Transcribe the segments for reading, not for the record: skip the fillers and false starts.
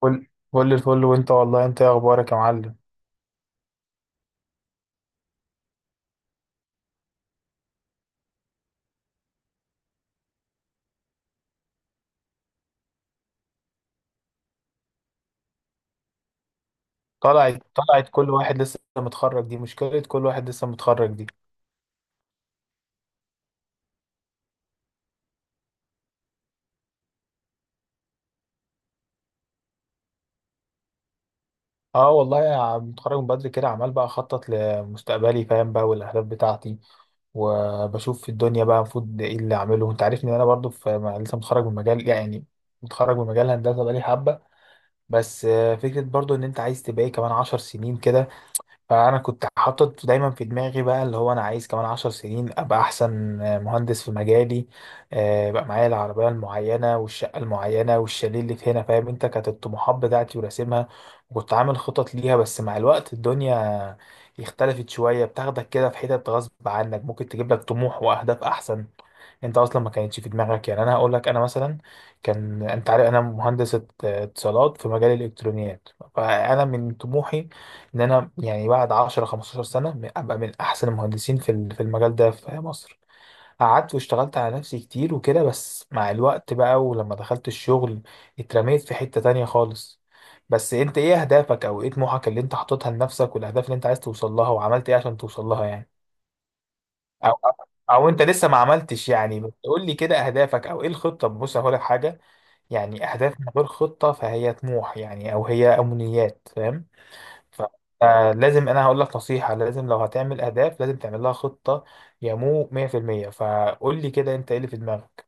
كل كل الفل، وانت والله انت ايه اخبارك يا معلم؟ طلعت كل واحد لسه متخرج دي مشكلة، كل واحد لسه متخرج دي. اه والله، يا متخرج من بدري كده، عمال بقى اخطط لمستقبلي، فاهم بقى، والاهداف بتاعتي، وبشوف في الدنيا بقى المفروض ايه اللي اعمله. انت عارفني ان انا برضو في لسه متخرج من مجال، يعني متخرج من مجال هندسة بقالي حبة. بس فكرة برضو ان انت عايز تبقى ايه كمان عشر سنين كده. فأنا كنت حاطط دايما في دماغي بقى اللي هو أنا عايز كمان عشر سنين أبقى أحسن مهندس في مجالي. بقى معايا العربية المعينة والشقة المعينة والشاليه اللي في هنا، فاهم أنت، كانت الطموحات بتاعتي وراسمها، وكنت عامل خطط ليها. بس مع الوقت الدنيا اختلفت شوية، بتاخدك كده في حتت غصب عنك، ممكن تجيب لك طموح وأهداف أحسن انت اصلا ما كانتش في دماغك. يعني انا هقول لك، انا مثلا كان انت عارف انا مهندس اتصالات في مجال الالكترونيات، فانا من طموحي ان انا يعني بعد 10 15 سنه ابقى من احسن المهندسين في في المجال ده في مصر. قعدت واشتغلت على نفسي كتير وكده، بس مع الوقت بقى ولما دخلت الشغل اترميت في حته تانية خالص. بس انت ايه اهدافك او ايه طموحك اللي انت حاططها لنفسك، والاهداف اللي انت عايز توصل لها، وعملت ايه عشان توصل لها يعني؟ او او انت لسه ما عملتش يعني، بس قول لي كده اهدافك او ايه الخطه. بص هقول لك حاجه، يعني اهداف من غير خطه فهي طموح يعني، او هي امنيات، فاهم؟ ف- فلازم انا هقول لك نصيحة، لازم لو هتعمل اهداف لازم تعمل لها خطة، يمو 100%. فقول لي كده انت ايه اللي في دماغك.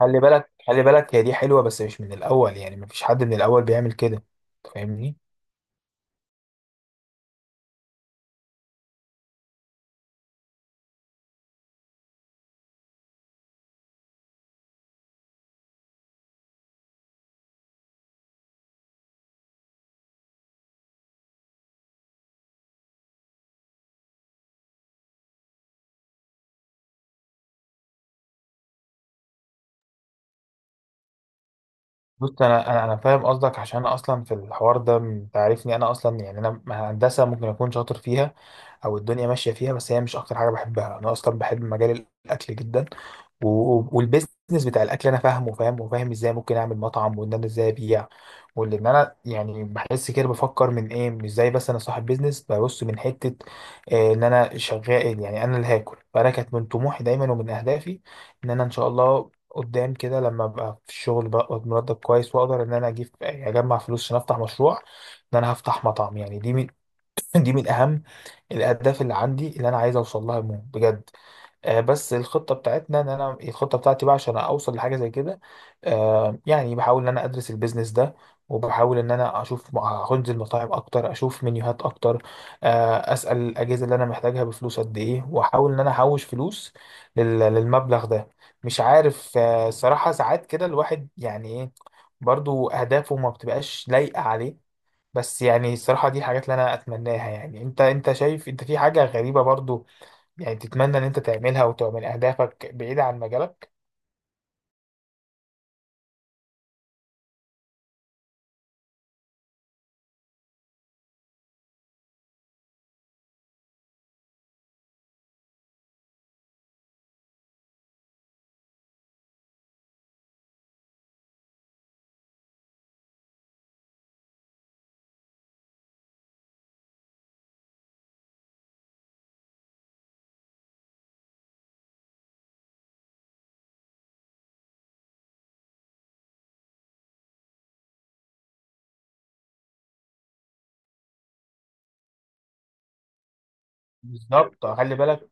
خلي بالك خلي بالك، هي دي حلوة بس مش من الاول، يعني مفيش حد من الاول بيعمل كده، فاهمني؟ بص انا فاهم قصدك، عشان انا اصلا في الحوار ده انت عارفني، انا اصلا يعني انا هندسة ممكن اكون شاطر فيها او الدنيا ماشيه فيها، بس هي مش اكتر حاجه بحبها. انا اصلا بحب مجال الاكل جدا، والبيزنس بتاع الاكل انا فاهمه، وفاهم وفاهم ازاي ممكن اعمل مطعم، وان انا ازاي ابيع، وان انا يعني بحس كده، بفكر من ايه، مش زي بس انا صاحب بيزنس ببص من حته ان انا شغال، يعني انا اللي هاكل. فانا كانت من طموحي دايما ومن اهدافي ان انا ان شاء الله قدام كده لما ابقى في الشغل بقى مرتب كويس، واقدر ان انا اجيب يعني اجمع فلوس عشان افتح مشروع، ان انا هفتح مطعم. يعني دي من اهم الاهداف اللي عندي اللي انا عايز اوصل لها، مو بجد. بس الخطه بتاعتنا ان انا الخطه بتاعتي بقى عشان اوصل لحاجه زي كده، يعني بحاول ان انا ادرس البيزنس ده، وبحاول ان انا اشوف هنزل مطاعم اكتر، اشوف منيوهات اكتر، اسال الاجهزه اللي انا محتاجها بفلوس قد ايه، واحاول ان انا احوش فلوس للمبلغ ده. مش عارف الصراحه، ساعات كده الواحد يعني ايه، برضو اهدافه ما بتبقاش لايقه عليه. بس يعني الصراحة دي الحاجات اللي أنا أتمناها. يعني أنت، أنت شايف أنت في حاجة غريبة برضو، يعني تتمنى إن أنت تعملها وتبقى من أهدافك بعيدة عن مجالك؟ بالظبط خلي بالك،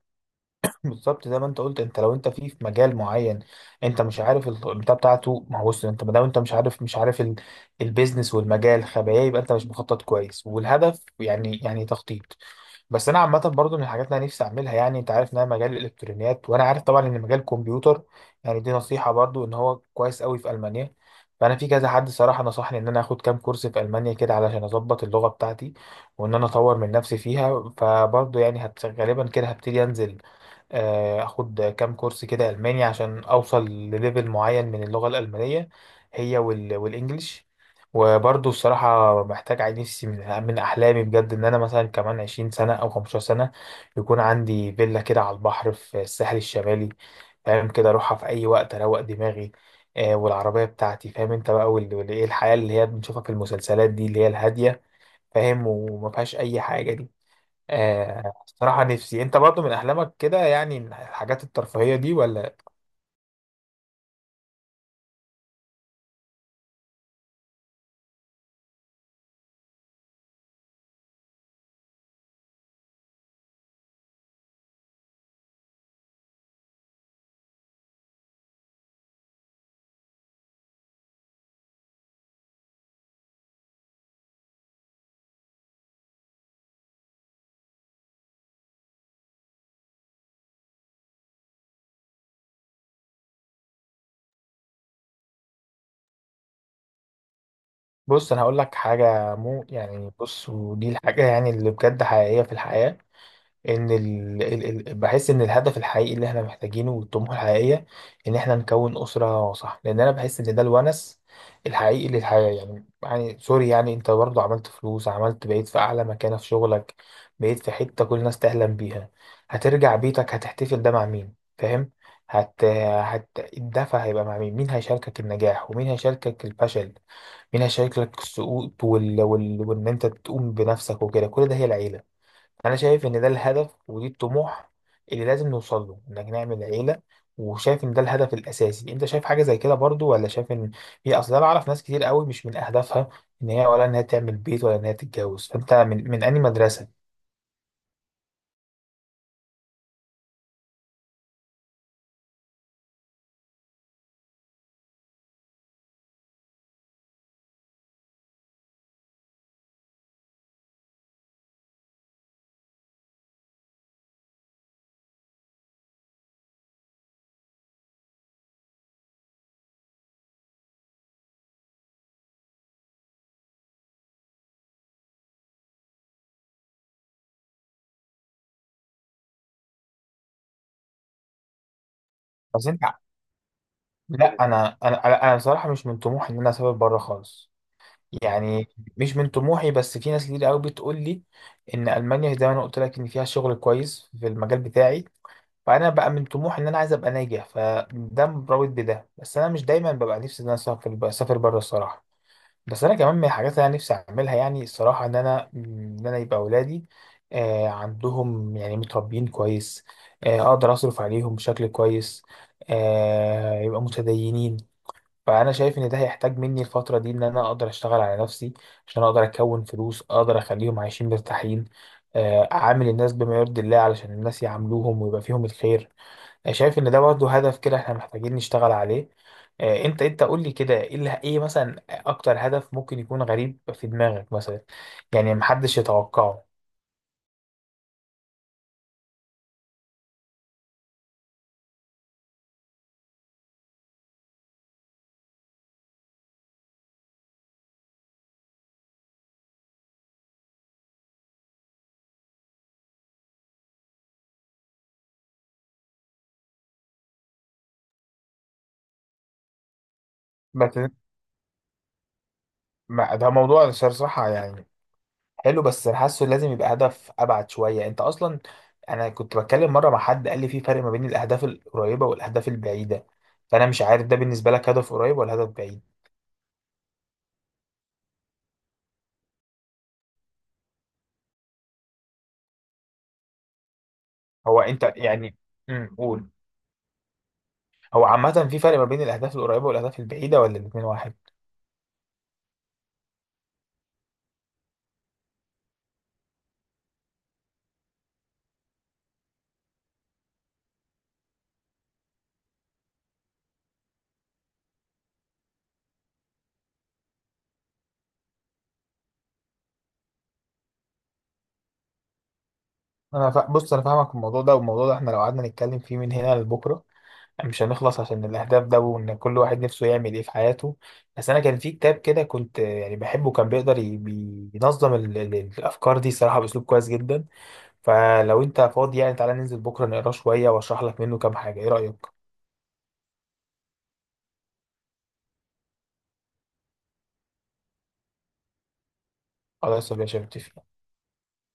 بالظبط. زي ما أنت قلت، أنت لو أنت في في مجال معين أنت مش عارف البتاع بتاعته، ما هو بص، أنت ما دام أنت مش عارف البيزنس والمجال خبايا، يبقى أنت مش مخطط كويس، والهدف يعني يعني تخطيط. بس انا عامه برضو من الحاجات اللي انا نفسي اعملها، يعني انت عارف ان انا مجال الالكترونيات، وانا عارف طبعا ان مجال الكمبيوتر، يعني دي نصيحه برضو، ان هو كويس قوي في المانيا. فانا في كذا حد صراحه نصحني ان انا اخد كام كورس في المانيا كده علشان اظبط اللغه بتاعتي، وان انا اطور من نفسي فيها. فبرضو يعني هت غالبا كده هبتدي انزل اخد كام كورس كده الماني عشان اوصل لليفل معين من اللغه الالمانيه، هي والانجليش. وبرضه الصراحه محتاج عايز، نفسي من احلامي بجد ان انا مثلا كمان 20 سنه او 15 سنه يكون عندي فيلا كده على البحر في الساحل الشمالي، فاهم كده، اروحها في اي وقت اروق دماغي، والعربيه بتاعتي، فاهم انت بقى، ايه الحياه اللي هي بنشوفها في المسلسلات دي اللي هي الهاديه، فاهم، وما فيهاش اي حاجه دي. الصراحة نفسي، انت برضو من احلامك كده يعني الحاجات الترفيهية دي ولا؟ بص انا هقول لك حاجة، مو يعني بص، ودي الحاجة يعني اللي بجد حقيقية في الحياة. ان بحس ان الهدف الحقيقي اللي احنا محتاجينه والطموح الحقيقيه ان احنا نكون اسره صح، لان انا بحس ان ده الونس الحقيقي للحياه، يعني يعني سوري يعني، انت برضه عملت فلوس، عملت بقيت في اعلى مكانه في شغلك، بقيت في حته كل الناس تحلم بيها، هترجع بيتك، هتحتفل ده مع مين فاهم؟ هت... هت الدفع هيبقى مع مين، مين هيشاركك النجاح، ومين هيشاركك الفشل، مين هيشاركك السقوط، وان انت تقوم بنفسك وكده، كل ده هي العيله. انا شايف ان ده الهدف، ودي الطموح اللي لازم نوصل له، انك نعمل عيله، وشايف ان ده الهدف الاساسي. انت شايف حاجه زي كده برضو، ولا شايف ان هي اصلا، انا اعرف ناس كتير قوي مش من اهدافها ان هي، ولا ان هي تعمل بيت، ولا ان هي تتجوز، فانت من انهي مدرسه؟ بس انت، لا انا انا انا أنا بصراحه مش من طموحي ان انا اسافر بره خالص. يعني مش من طموحي، بس في ناس كتير قوي بتقول لي ان المانيا زي ما انا قلت لك ان فيها شغل كويس في المجال بتاعي، فانا بقى من طموحي ان انا عايز ابقى ناجح، فده مرتبط بده، بس انا مش دايما ببقى نفسي ان انا اسافر اسافر بره الصراحه. بس انا كمان من الحاجات اللي انا نفسي اعملها يعني الصراحه ان انا ان انا يبقى اولادي عندهم يعني متربيين كويس، اقدر اصرف عليهم بشكل كويس، يبقى متدينين. فانا شايف ان ده هيحتاج مني الفتره دي ان انا اقدر اشتغل على نفسي عشان اقدر اكون فلوس، اقدر اخليهم عايشين مرتاحين، اعامل الناس بما يرضي الله علشان الناس يعاملوهم ويبقى فيهم الخير، شايف ان ده برضه هدف كده احنا محتاجين نشتغل عليه. انت انت قول لي كده ايه اللي، ايه مثلا اكتر هدف ممكن يكون غريب في دماغك مثلا، يعني محدش يتوقعه؟ بس ده موضوع صراحة يعني حلو، بس أنا حاسه لازم يبقى هدف ابعد شويه. انت اصلا، انا كنت بتكلم مره مع حد قال لي في فرق ما بين الاهداف القريبه والاهداف البعيده، فانا مش عارف ده بالنسبه لك هدف قريب ولا هدف بعيد. هو انت يعني، قول. هو عامه في فرق ما بين الاهداف القريبه والاهداف البعيده، ولا الاتنين واحد؟ بص انا فاهمك في الموضوع ده، والموضوع ده احنا لو قعدنا نتكلم فيه من هنا لبكره مش هنخلص، عشان الاهداف ده وان كل واحد نفسه يعمل ايه في حياته. بس انا كان في كتاب كده كنت يعني بحبه، كان بيقدر بينظم الافكار دي صراحه باسلوب كويس جدا. فلو انت فاضي يعني تعالى ننزل بكره نقراه شويه واشرح لك منه كام حاجه، ايه رايك؟ خلاص يا باشا، متفق.